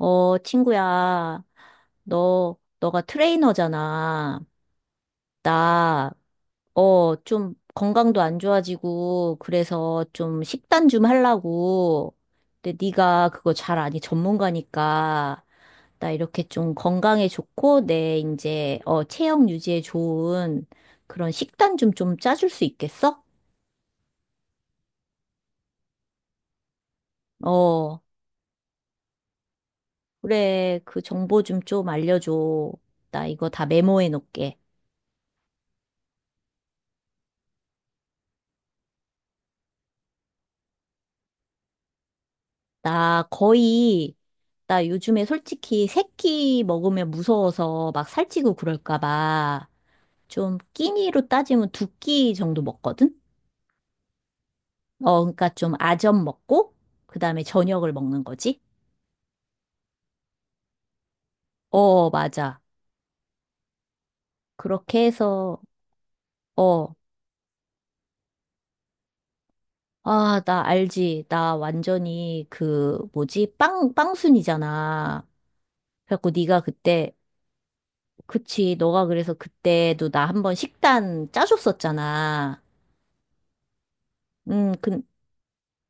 어, 친구야, 너가 트레이너잖아. 나, 어, 좀 건강도 안 좋아지고, 그래서 좀 식단 좀 하려고. 근데 네가 그거 잘 아니, 전문가니까. 나 이렇게 좀 건강에 좋고, 내 이제, 어, 체형 유지에 좋은 그런 식단 좀 짜줄 수 있겠어? 어, 그래. 그 정보 좀 알려줘. 나 이거 다 메모해 놓을게. 나 거의, 나 요즘에 솔직히 새끼 먹으면 무서워서 막 살찌고 그럴까 봐. 좀 끼니로 따지면 두 끼 정도 먹거든? 어, 그러니까 좀 아점 먹고, 그 다음에 저녁을 먹는 거지? 어, 맞아. 그렇게 해서, 어, 아, 나 알지. 나 완전히 그, 뭐지? 빵순이잖아. 그래갖고 네가 그때, 그치. 너가 그래서 그때도 나 한번 식단 짜줬었잖아. 그,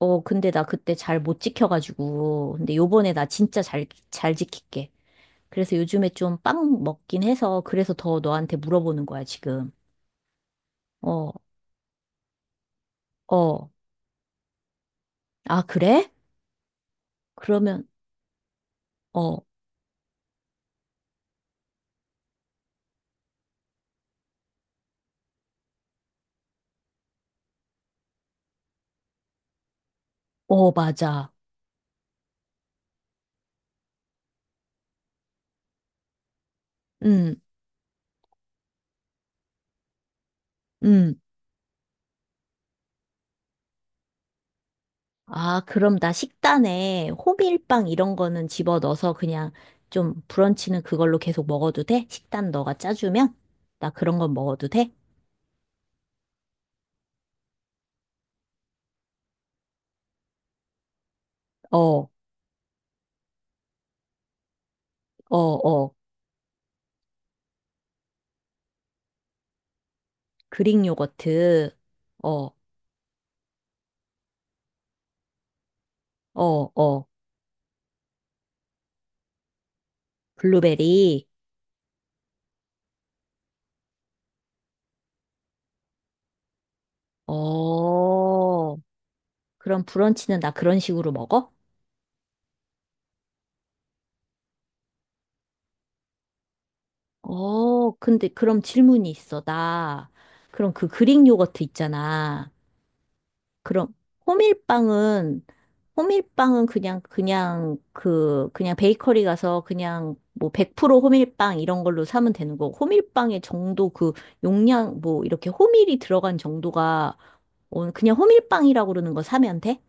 어, 근데 나 그때 잘 못 지켜가지고. 근데 요번에 나 진짜 잘 지킬게. 그래서 요즘에 좀 빵 먹긴 해서 그래서 더 너한테 물어보는 거야, 지금. 어, 어. 아, 그래? 그러면, 어, 어, 맞아. 음, 음. 아, 그럼 나 식단에 호밀빵 이런 거는 집어넣어서 그냥 좀 브런치는 그걸로 계속 먹어도 돼? 식단 너가 짜주면? 나 그런 건 먹어도 돼? 어, 어, 어. 그릭 요거트. 어, 어, 어. 블루베리. 어, 그럼 브런치는 나 그런 식으로 먹어? 어, 근데 그럼 질문이 있어. 나, 그럼 그 그릭 요거트 있잖아. 그럼 호밀빵은, 호밀빵은 그냥 베이커리 가서 그냥 뭐 100% 호밀빵 이런 걸로 사면 되는 거고, 호밀빵의 정도 그 용량, 뭐 이렇게 호밀이 들어간 정도가, 어, 그냥 호밀빵이라고 그러는 거 사면 돼?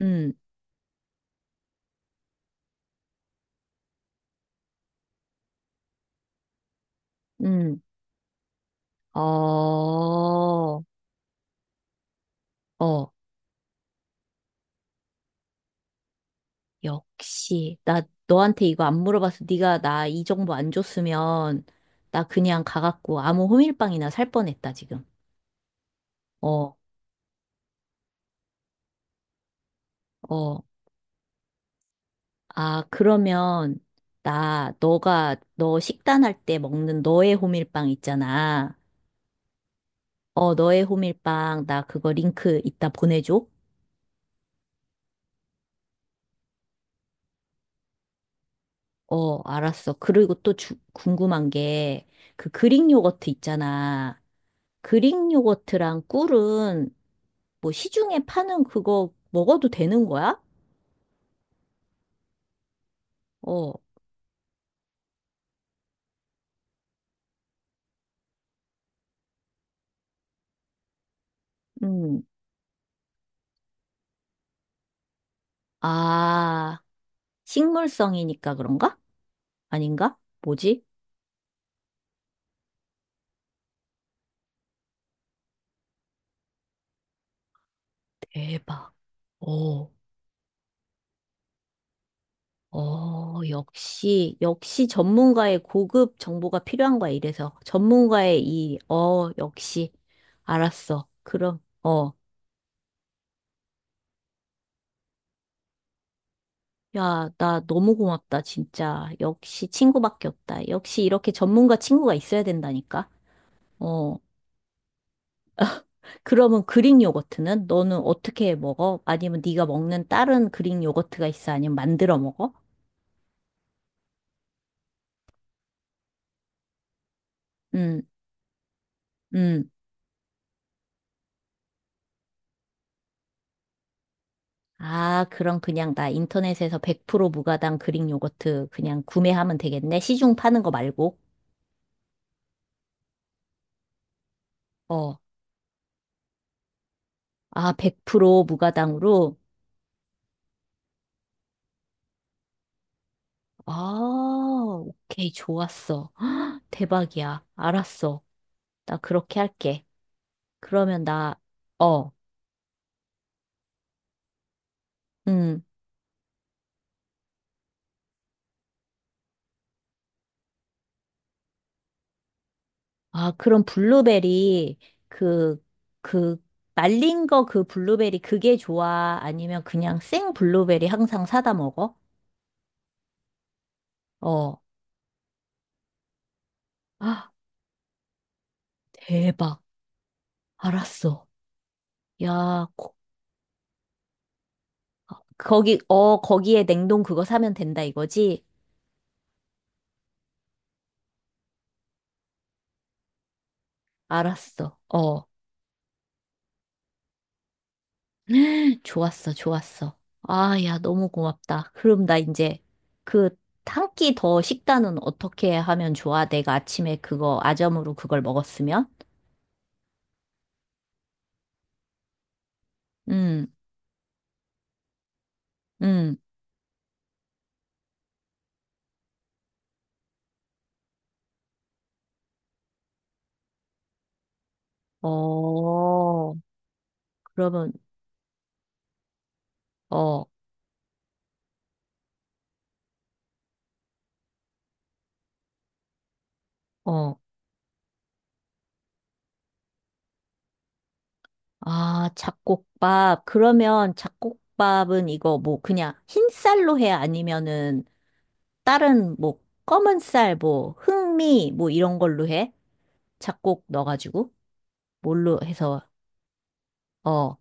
음, 음. 어, 어, 역시. 나 너한테 이거 안 물어봐서 네가 나 이 정보 안 줬으면 나 그냥 가갖고 아무 호밀빵이나 살 뻔했다, 지금. 어, 어. 아, 그러면 나 너가 너 식단할 때 먹는 너의 호밀빵 있잖아. 어, 너의 호밀빵 나 그거 링크 이따 보내줘. 어, 알았어. 그리고 또 주, 궁금한 게 그 그릭 요거트 있잖아. 그릭 요거트랑 꿀은 뭐 시중에 파는 그거 먹어도 되는 거야? 어, 음. 아, 식물성이니까 그런가? 아닌가? 뭐지? 대박. 어, 어, 역시 전문가의 고급 정보가 필요한 거야, 이래서. 전문가의 이, 어, 역시. 알았어. 그럼, 어. 야, 나 너무 고맙다, 진짜. 역시 친구밖에 없다. 역시 이렇게 전문가 친구가 있어야 된다니까. 어. 그러면 그릭 요거트는 너는 어떻게 먹어? 아니면 네가 먹는 다른 그릭 요거트가 있어? 아니면 만들어 먹어? 음, 음. 아, 그럼 그냥 나 인터넷에서 100% 무가당 그릭 요거트 그냥 구매하면 되겠네. 시중 파는 거 말고. 어. 아, 100% 무가당으로. 아, 오케이. 좋았어. 헉, 대박이야. 알았어. 나 그렇게 할게. 그러면 나, 어, 음. 아, 그럼 블루베리, 그, 그, 말린 거 그 블루베리 그게 좋아? 아니면 그냥 생 블루베리 항상 사다 먹어? 어. 아, 대박. 알았어. 야, 거, 거기, 어, 거기에 냉동 그거 사면 된다 이거지? 알았어. 어. 좋았어. 아, 야, 너무 고맙다. 그럼 나 이제 그, 한 끼 더 식단은 어떻게 하면 좋아? 내가 아침에 그거 아점으로 그걸 먹었으면? 음, 음. 어, 그러면, 어, 어, 아, 잡곡밥. 그러면 잡곡밥은 이거 뭐 그냥 흰쌀로 해? 아니면은 다른 뭐 검은 쌀, 뭐 흑미, 뭐 이런 걸로 해? 잡곡 넣어가지고? 뭘로 해서, 어,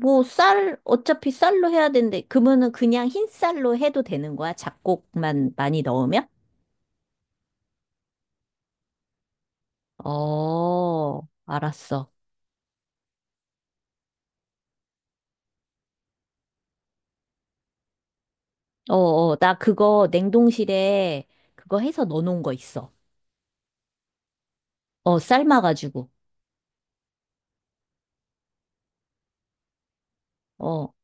뭐 쌀, 어차피 쌀로 해야 되는데, 그러면은 그냥 흰쌀로 해도 되는 거야? 잡곡만 많이 넣으면? 어, 알았어. 어, 어, 나 그거 냉동실에 그거 해서 넣어놓은 거 있어. 어, 삶아가지고. 어,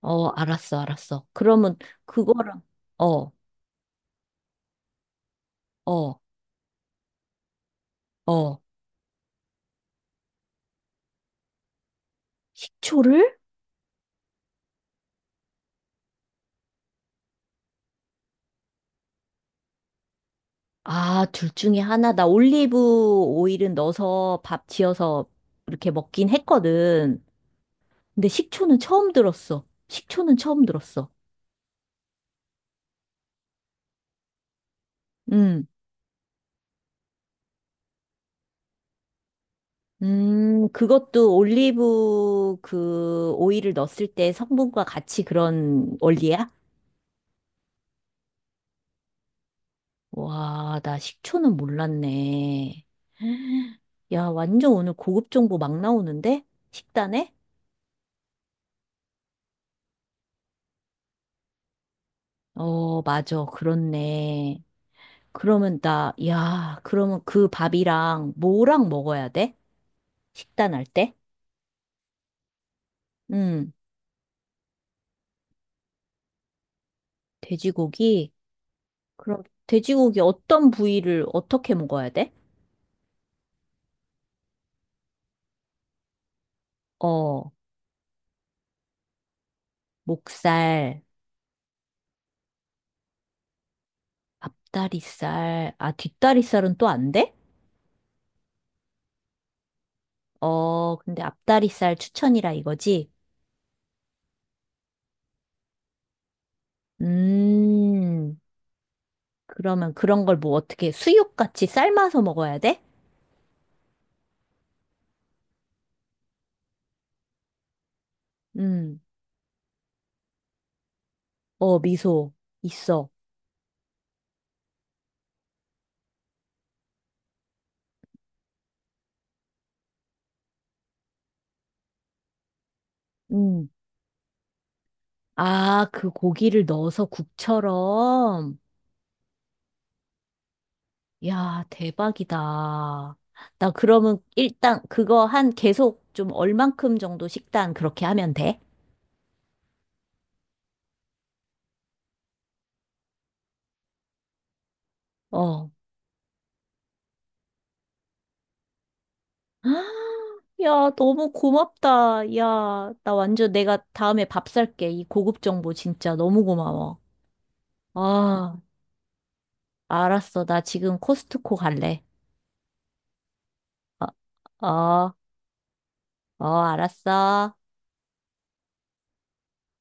어, 알았어. 그러면 그거랑, 어, 어, 어, 식초를? 아, 둘 중에 하나. 나 올리브 오일은 넣어서 밥 지어서 이렇게 먹긴 했거든. 근데 식초는 처음 들었어. 식초는 처음 들었어. 음, 그것도 올리브 그 오일을 넣었을 때 성분과 같이 그런 원리야? 와, 나 식초는 몰랐네. 야, 완전 오늘 고급 정보 막 나오는데? 식단에? 어, 맞아. 그렇네. 그러면 나, 야, 그러면 그 밥이랑 뭐랑 먹어야 돼? 식단할 때? 음, 돼지고기? 그럼 돼지고기 어떤 부위를 어떻게 먹어야 돼? 어, 목살, 앞다리살, 아, 뒷다리살은 또 안 돼? 어, 근데 앞다리살 추천이라 이거지? 음, 그러면 그런 걸 뭐 어떻게 수육같이 삶아서 먹어야 돼? 음, 어, 미소 있어. 음, 아, 그 고기를 넣어서 국처럼. 야, 대박이다. 나 그러면 일단 그거 한 계속 좀 얼만큼 정도 식단 그렇게 하면 돼? 어. 야, 너무 고맙다. 야, 나 완전 내가 다음에 밥 살게. 이 고급 정보 진짜 너무 고마워. 아. 알았어. 나 지금 코스트코 갈래. 어, 알았어.